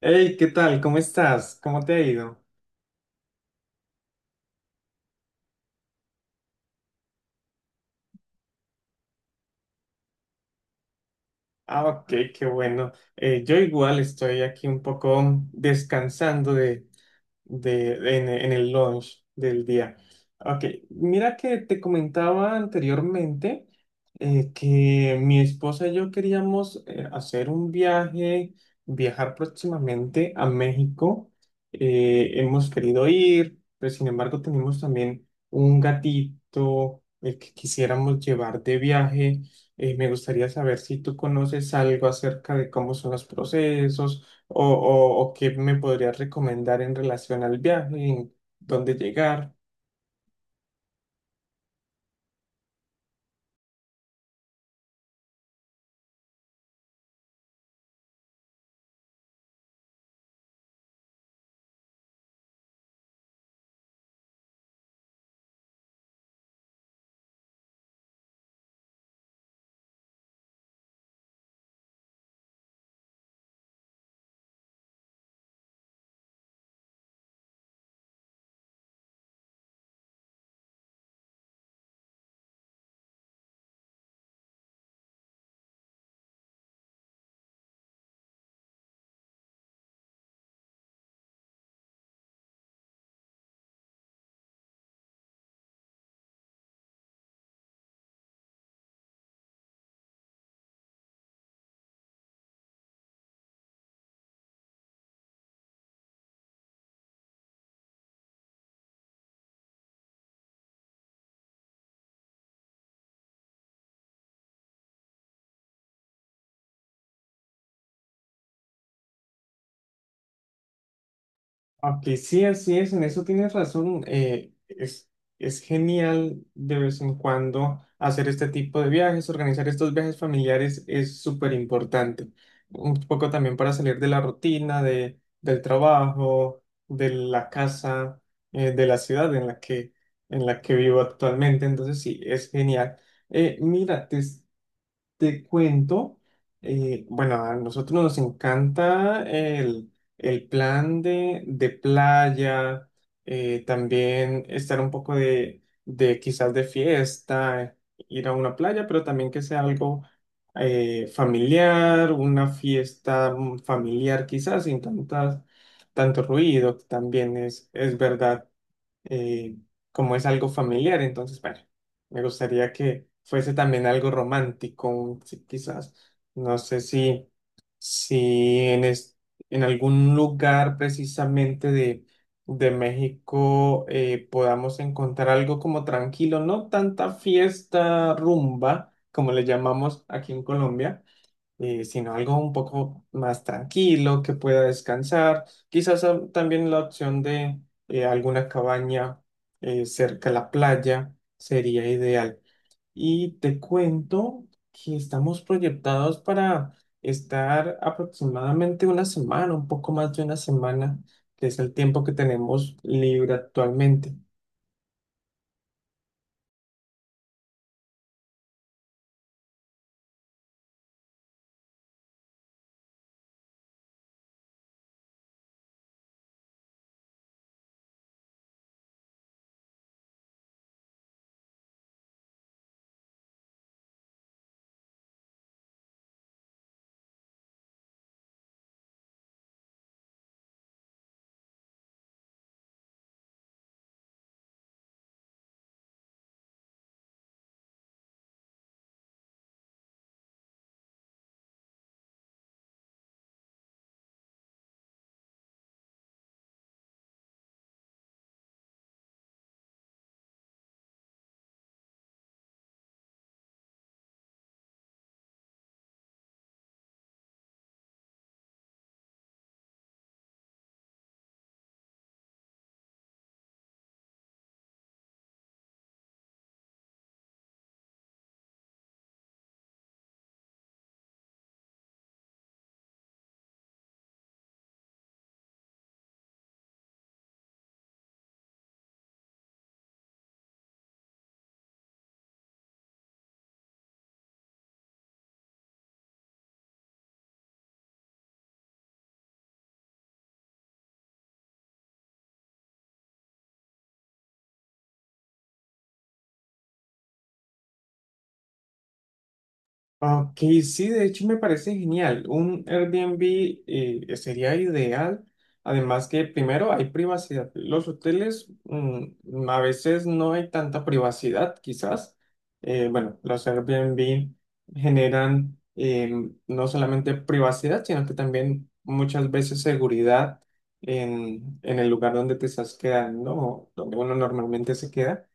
Hey, ¿qué tal? ¿Cómo estás? ¿Cómo te ha ido? Ah, ok, qué bueno. Yo igual estoy aquí un poco descansando en el launch del día. Ok, mira que te comentaba anteriormente que mi esposa y yo queríamos hacer un viaje, viajar próximamente a México. Hemos querido ir, pero sin embargo tenemos también un gatito el que quisiéramos llevar de viaje. Me gustaría saber si tú conoces algo acerca de cómo son los procesos o qué me podrías recomendar en relación al viaje, en dónde llegar. Aunque sí, así es, en eso tienes razón. Es genial de vez en cuando hacer este tipo de viajes; organizar estos viajes familiares es súper importante. Un poco también para salir de la rutina, de, del trabajo, de la casa, de la ciudad en la que vivo actualmente. Entonces sí, es genial. Eh, mira, te, Te cuento, bueno, a nosotros nos encanta el plan de playa, también estar un poco de quizás de fiesta, ir a una playa, pero también que sea algo familiar, una fiesta mm, familiar, quizás sin tantas, tanto ruido, que también es verdad. Eh, como es algo familiar, entonces, bueno, me gustaría que fuese también algo romántico, sí, quizás, no sé si, si en, es- en algún lugar precisamente de México podamos encontrar algo como tranquilo, no tanta fiesta, rumba, como le llamamos aquí en Colombia, sino algo un poco más tranquilo, que pueda descansar. Quizás ah, también la opción de alguna cabaña cerca a la playa sería ideal. Y te cuento que estamos proyectados para estar aproximadamente una semana, un poco más de una semana, que es el tiempo que tenemos libre actualmente. Ok, sí, de hecho me parece genial. Un Airbnb sería ideal. Además que primero hay privacidad. Los hoteles mm, a veces no hay tanta privacidad, quizás. Bueno, los Airbnb generan no solamente privacidad, sino que también muchas veces seguridad en el lugar donde te estás quedando, o donde uno normalmente se queda,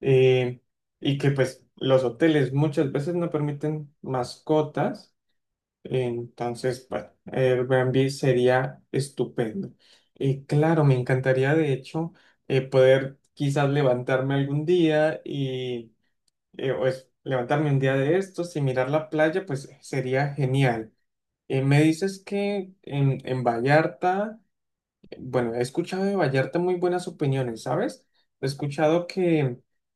eh, y que pues los hoteles muchas veces no permiten mascotas; entonces, bueno, Airbnb sería estupendo. Y claro, me encantaría de hecho poder quizás levantarme algún día y pues levantarme un día de estos y mirar la playa, pues sería genial. Me dices que en Vallarta, bueno, he escuchado de Vallarta muy buenas opiniones, ¿sabes? He escuchado que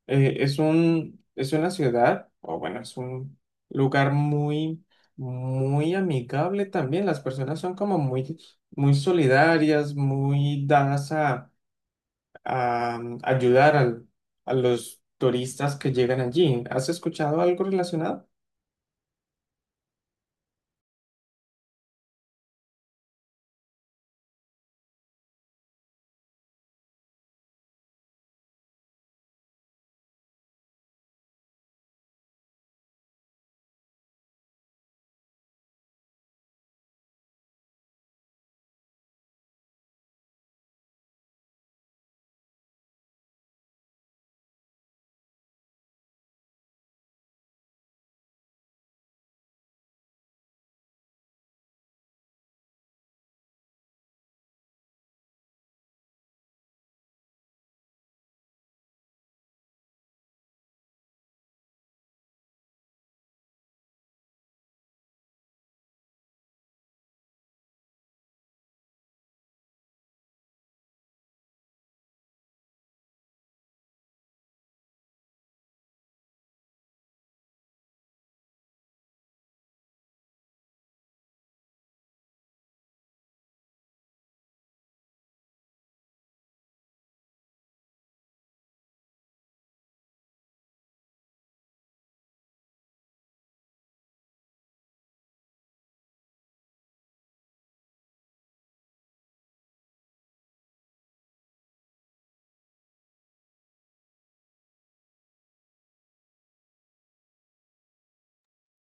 es un, es una ciudad, o bueno, es un lugar muy, muy amigable también. Las personas son como muy, muy solidarias, muy a a los turistas que llegan allí. ¿Has escuchado algo relacionado?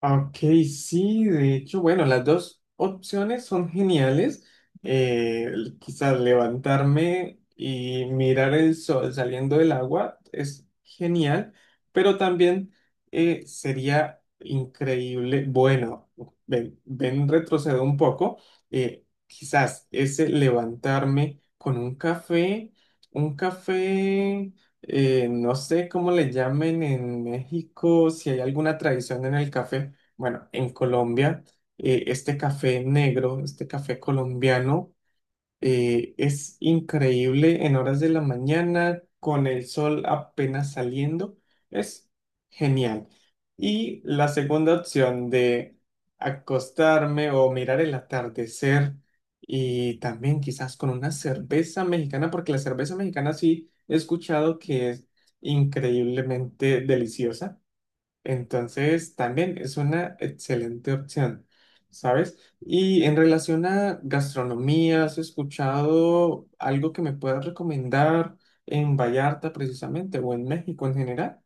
Ok, sí, de hecho, bueno, las dos opciones son geniales. Eh, quizás levantarme y mirar el sol saliendo del agua es genial, pero también sería increíble. Bueno, ven, ven, retrocedo un poco. Quizás ese levantarme con un café, un café, no sé cómo le llamen en México, si hay alguna tradición en el café, bueno, en Colombia, este café negro, este café colombiano, es increíble en horas de la mañana, con el sol apenas saliendo, es genial. Y la segunda opción de acostarme o mirar el atardecer y también quizás con una cerveza mexicana, porque la cerveza mexicana sí he escuchado que es increíblemente deliciosa. Entonces, también es una excelente opción, ¿sabes? Y en relación a gastronomía, ¿has escuchado algo que me puedas recomendar en Vallarta precisamente o en México en general?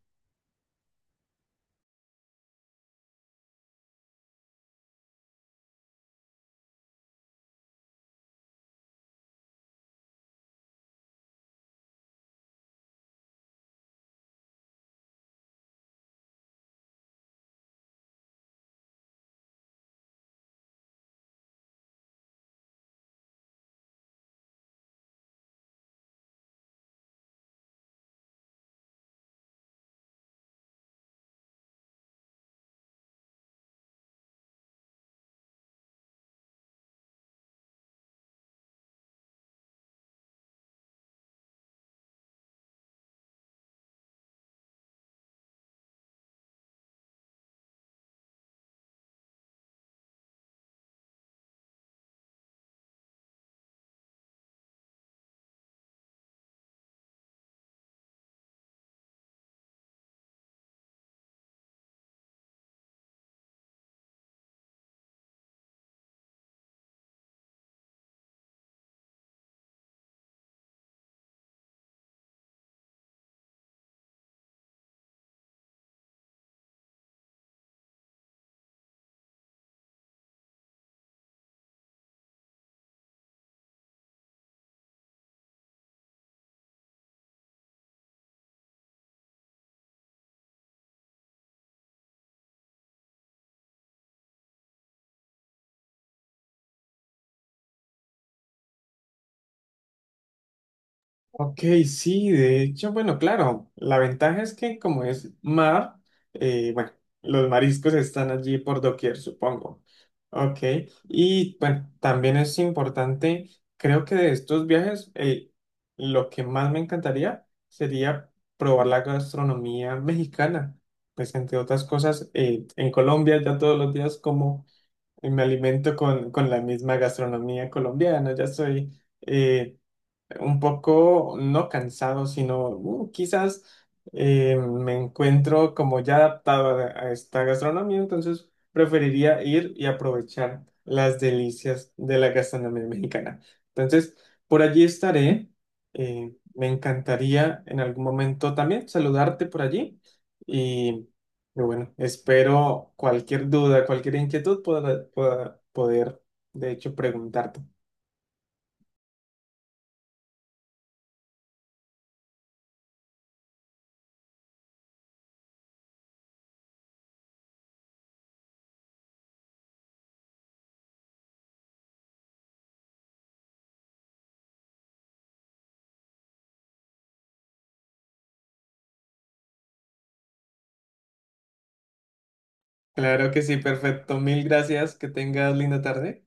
Ok, sí, de hecho, bueno, claro, la ventaja es que como es mar, bueno, los mariscos están allí por doquier, supongo. Ok, y bueno, también es importante, creo que de estos viajes, lo que más me encantaría sería probar la gastronomía mexicana. Pues entre otras cosas, en Colombia ya todos los días como, me alimento con la misma gastronomía colombiana, ya soy... eh, un poco, no cansado, sino quizás me encuentro como ya adaptado a esta gastronomía, entonces preferiría ir y aprovechar las delicias de la gastronomía mexicana. Entonces, por allí estaré. Me encantaría en algún momento también saludarte por allí y, y bueno, espero cualquier duda, cualquier inquietud pueda, de hecho, preguntarte. Claro que sí, perfecto. Mil gracias. Que tengas linda tarde.